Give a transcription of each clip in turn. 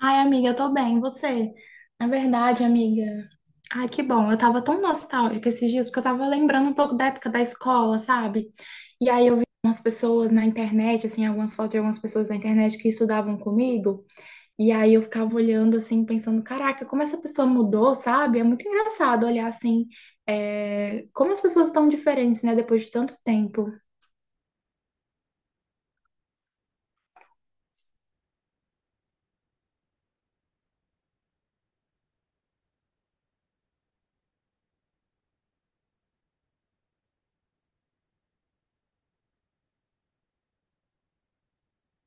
Ai, amiga, eu tô bem, e você? Na verdade, amiga, ai, que bom, eu tava tão nostálgica esses dias, porque eu tava lembrando um pouco da época da escola, sabe? E aí eu vi umas pessoas na internet, assim, algumas fotos de algumas pessoas na internet que estudavam comigo, e aí eu ficava olhando, assim, pensando, caraca, como essa pessoa mudou, sabe? É muito engraçado olhar, assim, como as pessoas estão diferentes, né, depois de tanto tempo.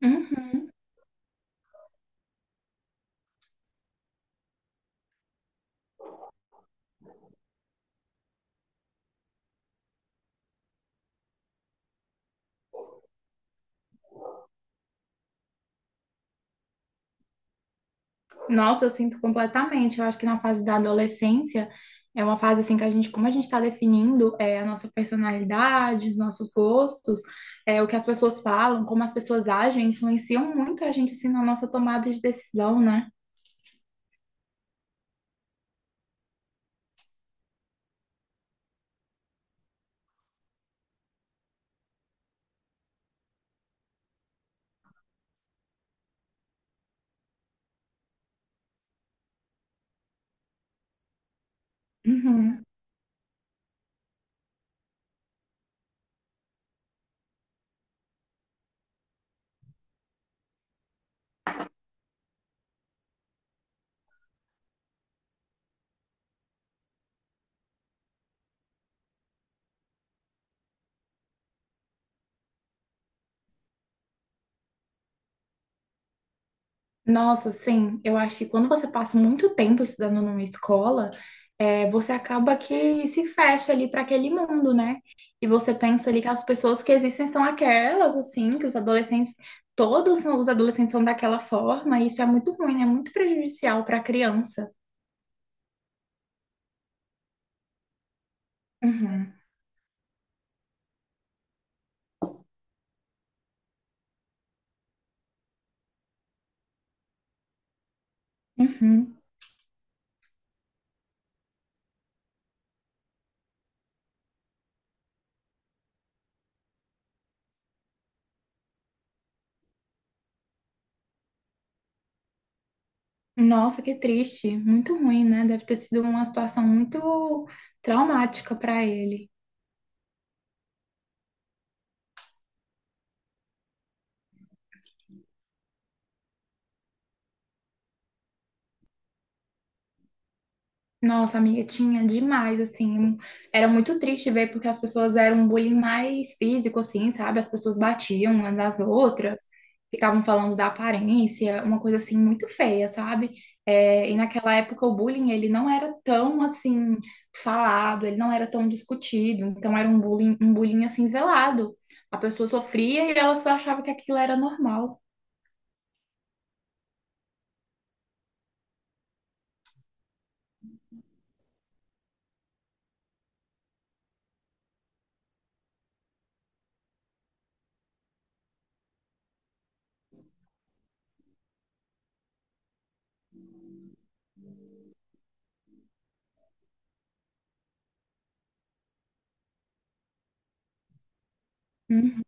Uhum. Nossa, eu sinto completamente. Eu acho que na fase da adolescência é uma fase assim que a gente, como a gente está definindo a nossa personalidade, os nossos gostos, o que as pessoas falam, como as pessoas agem, influenciam muito a gente assim na nossa tomada de decisão, né? Uhum. Nossa, sim, eu acho que quando você passa muito tempo estudando numa escola, você acaba que se fecha ali para aquele mundo, né? E você pensa ali que as pessoas que existem são aquelas, assim, que os adolescentes, os adolescentes são daquela forma, e isso é muito ruim, né? Muito prejudicial para a criança. Uhum, uhum. Nossa, que triste, muito ruim, né? Deve ter sido uma situação muito traumática para ele. Nossa, amiga, tinha demais, assim. Era muito triste ver, porque as pessoas eram um bullying mais físico, assim, sabe? As pessoas batiam umas nas outras, ficavam falando da aparência, uma coisa, assim, muito feia, sabe? É, e naquela época o bullying, ele não era tão, assim, falado, ele não era tão discutido. Então era um bullying, assim, velado. A pessoa sofria e ela só achava que aquilo era normal. Uhum.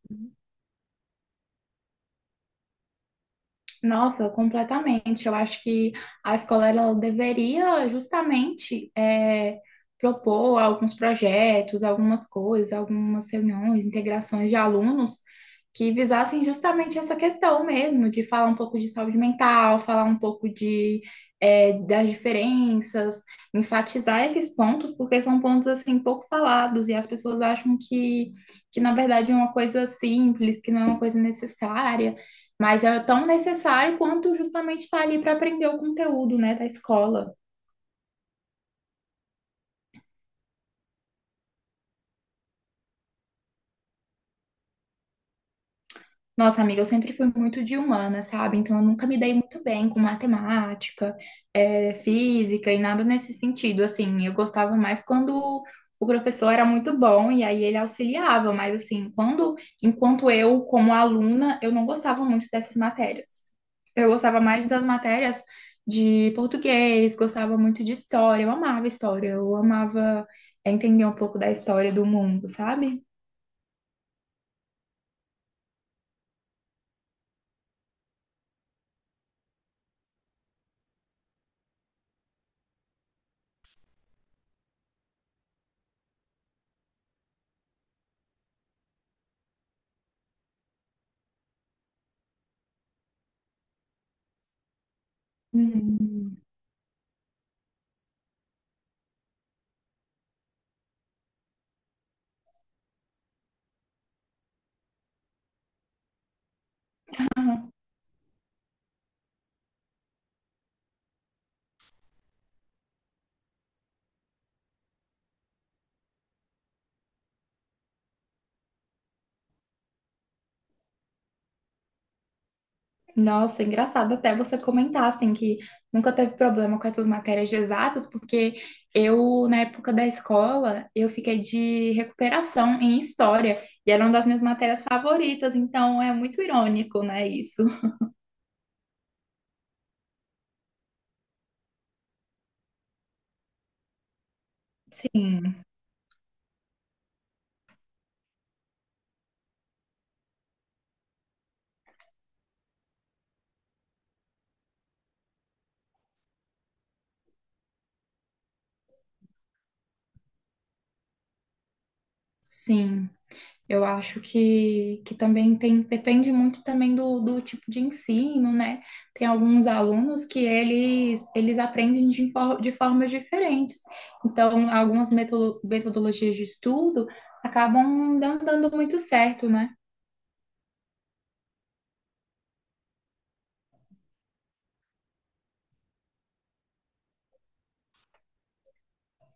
Nossa, completamente. Eu acho que a escola ela deveria justamente propor alguns projetos, algumas coisas, algumas reuniões, integrações de alunos que visassem justamente essa questão mesmo, de falar um pouco de saúde mental, falar um pouco de das diferenças, enfatizar esses pontos, porque são pontos assim pouco falados e as pessoas acham que na verdade é uma coisa simples, que não é uma coisa necessária, mas é tão necessário quanto justamente estar ali para aprender o conteúdo, né, da escola. Nossa, amiga, eu sempre fui muito de humana, sabe? Então eu nunca me dei muito bem com matemática, física e nada nesse sentido. Assim, eu gostava mais quando o professor era muito bom e aí ele auxiliava, mas assim, quando, enquanto eu, como aluna, eu não gostava muito dessas matérias. Eu gostava mais das matérias de português, gostava muito de história, eu amava entender um pouco da história do mundo, sabe? Hum. Nossa, é engraçado até você comentar assim que nunca teve problema com essas matérias de exatas, porque eu, na época da escola, eu fiquei de recuperação em história e era uma das minhas matérias favoritas, então é muito irônico, né, isso? Sim, sim. Eu acho que também tem, depende muito também do tipo de ensino, né? Tem alguns alunos que eles aprendem de, de formas diferentes. Então, algumas metodologias de estudo acabam não dando muito certo, né?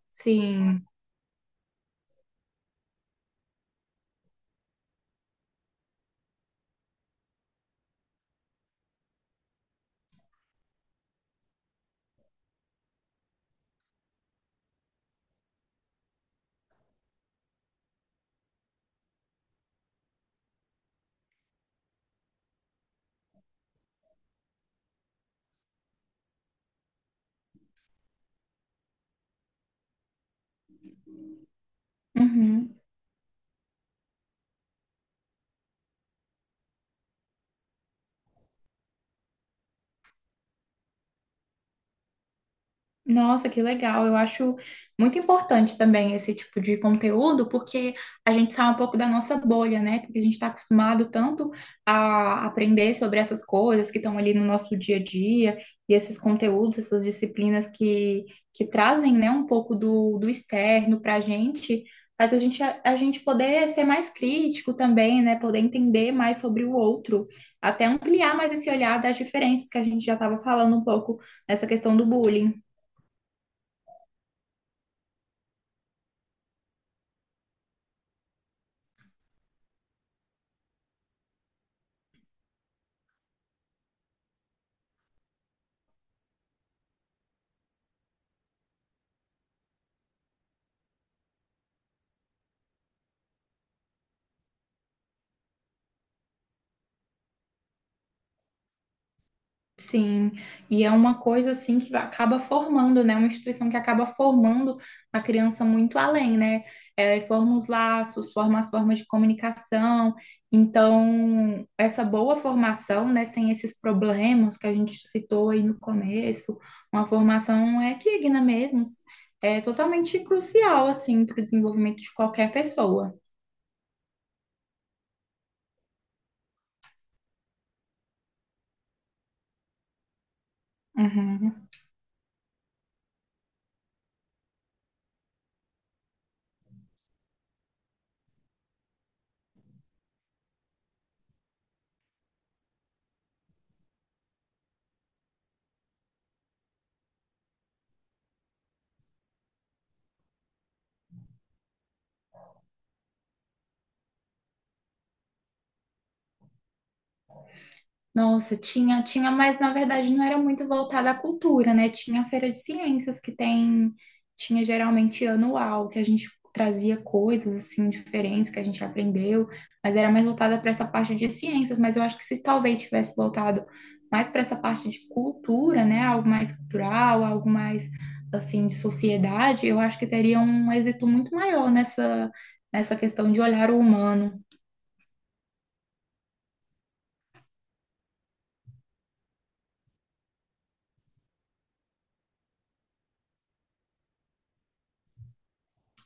Sim. Uhum. Nossa, que legal. Eu acho muito importante também esse tipo de conteúdo, porque a gente sai um pouco da nossa bolha, né? Porque a gente está acostumado tanto a aprender sobre essas coisas que estão ali no nosso dia a dia, e esses conteúdos, essas disciplinas que trazem, né, um pouco do externo para a gente, faz a gente poder ser mais crítico também, né? Poder entender mais sobre o outro, até ampliar mais esse olhar das diferenças que a gente já estava falando um pouco nessa questão do bullying. Sim, e é uma coisa assim que acaba formando, né? Uma instituição que acaba formando a criança muito além, né? É, forma os laços, forma as formas de comunicação. Então, essa boa formação, né, sem esses problemas que a gente citou aí no começo, uma formação equigna mesmo, é totalmente crucial, assim, para o desenvolvimento de qualquer pessoa. Uhum. Nossa, tinha, tinha, mas na verdade não era muito voltada à cultura, né? Tinha a Feira de Ciências que tem, tinha geralmente anual, que a gente trazia coisas assim diferentes que a gente aprendeu, mas era mais voltada para essa parte de ciências, mas eu acho que se talvez tivesse voltado mais para essa parte de cultura, né? Algo mais cultural, algo mais assim de sociedade, eu acho que teria um êxito muito maior nessa nessa questão de olhar o humano.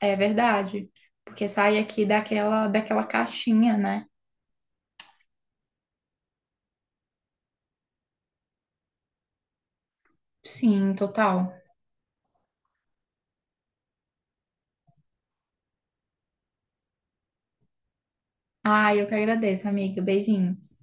É verdade, porque sai aqui daquela caixinha, né? Sim, total. Ai, eu que agradeço, amiga. Beijinhos.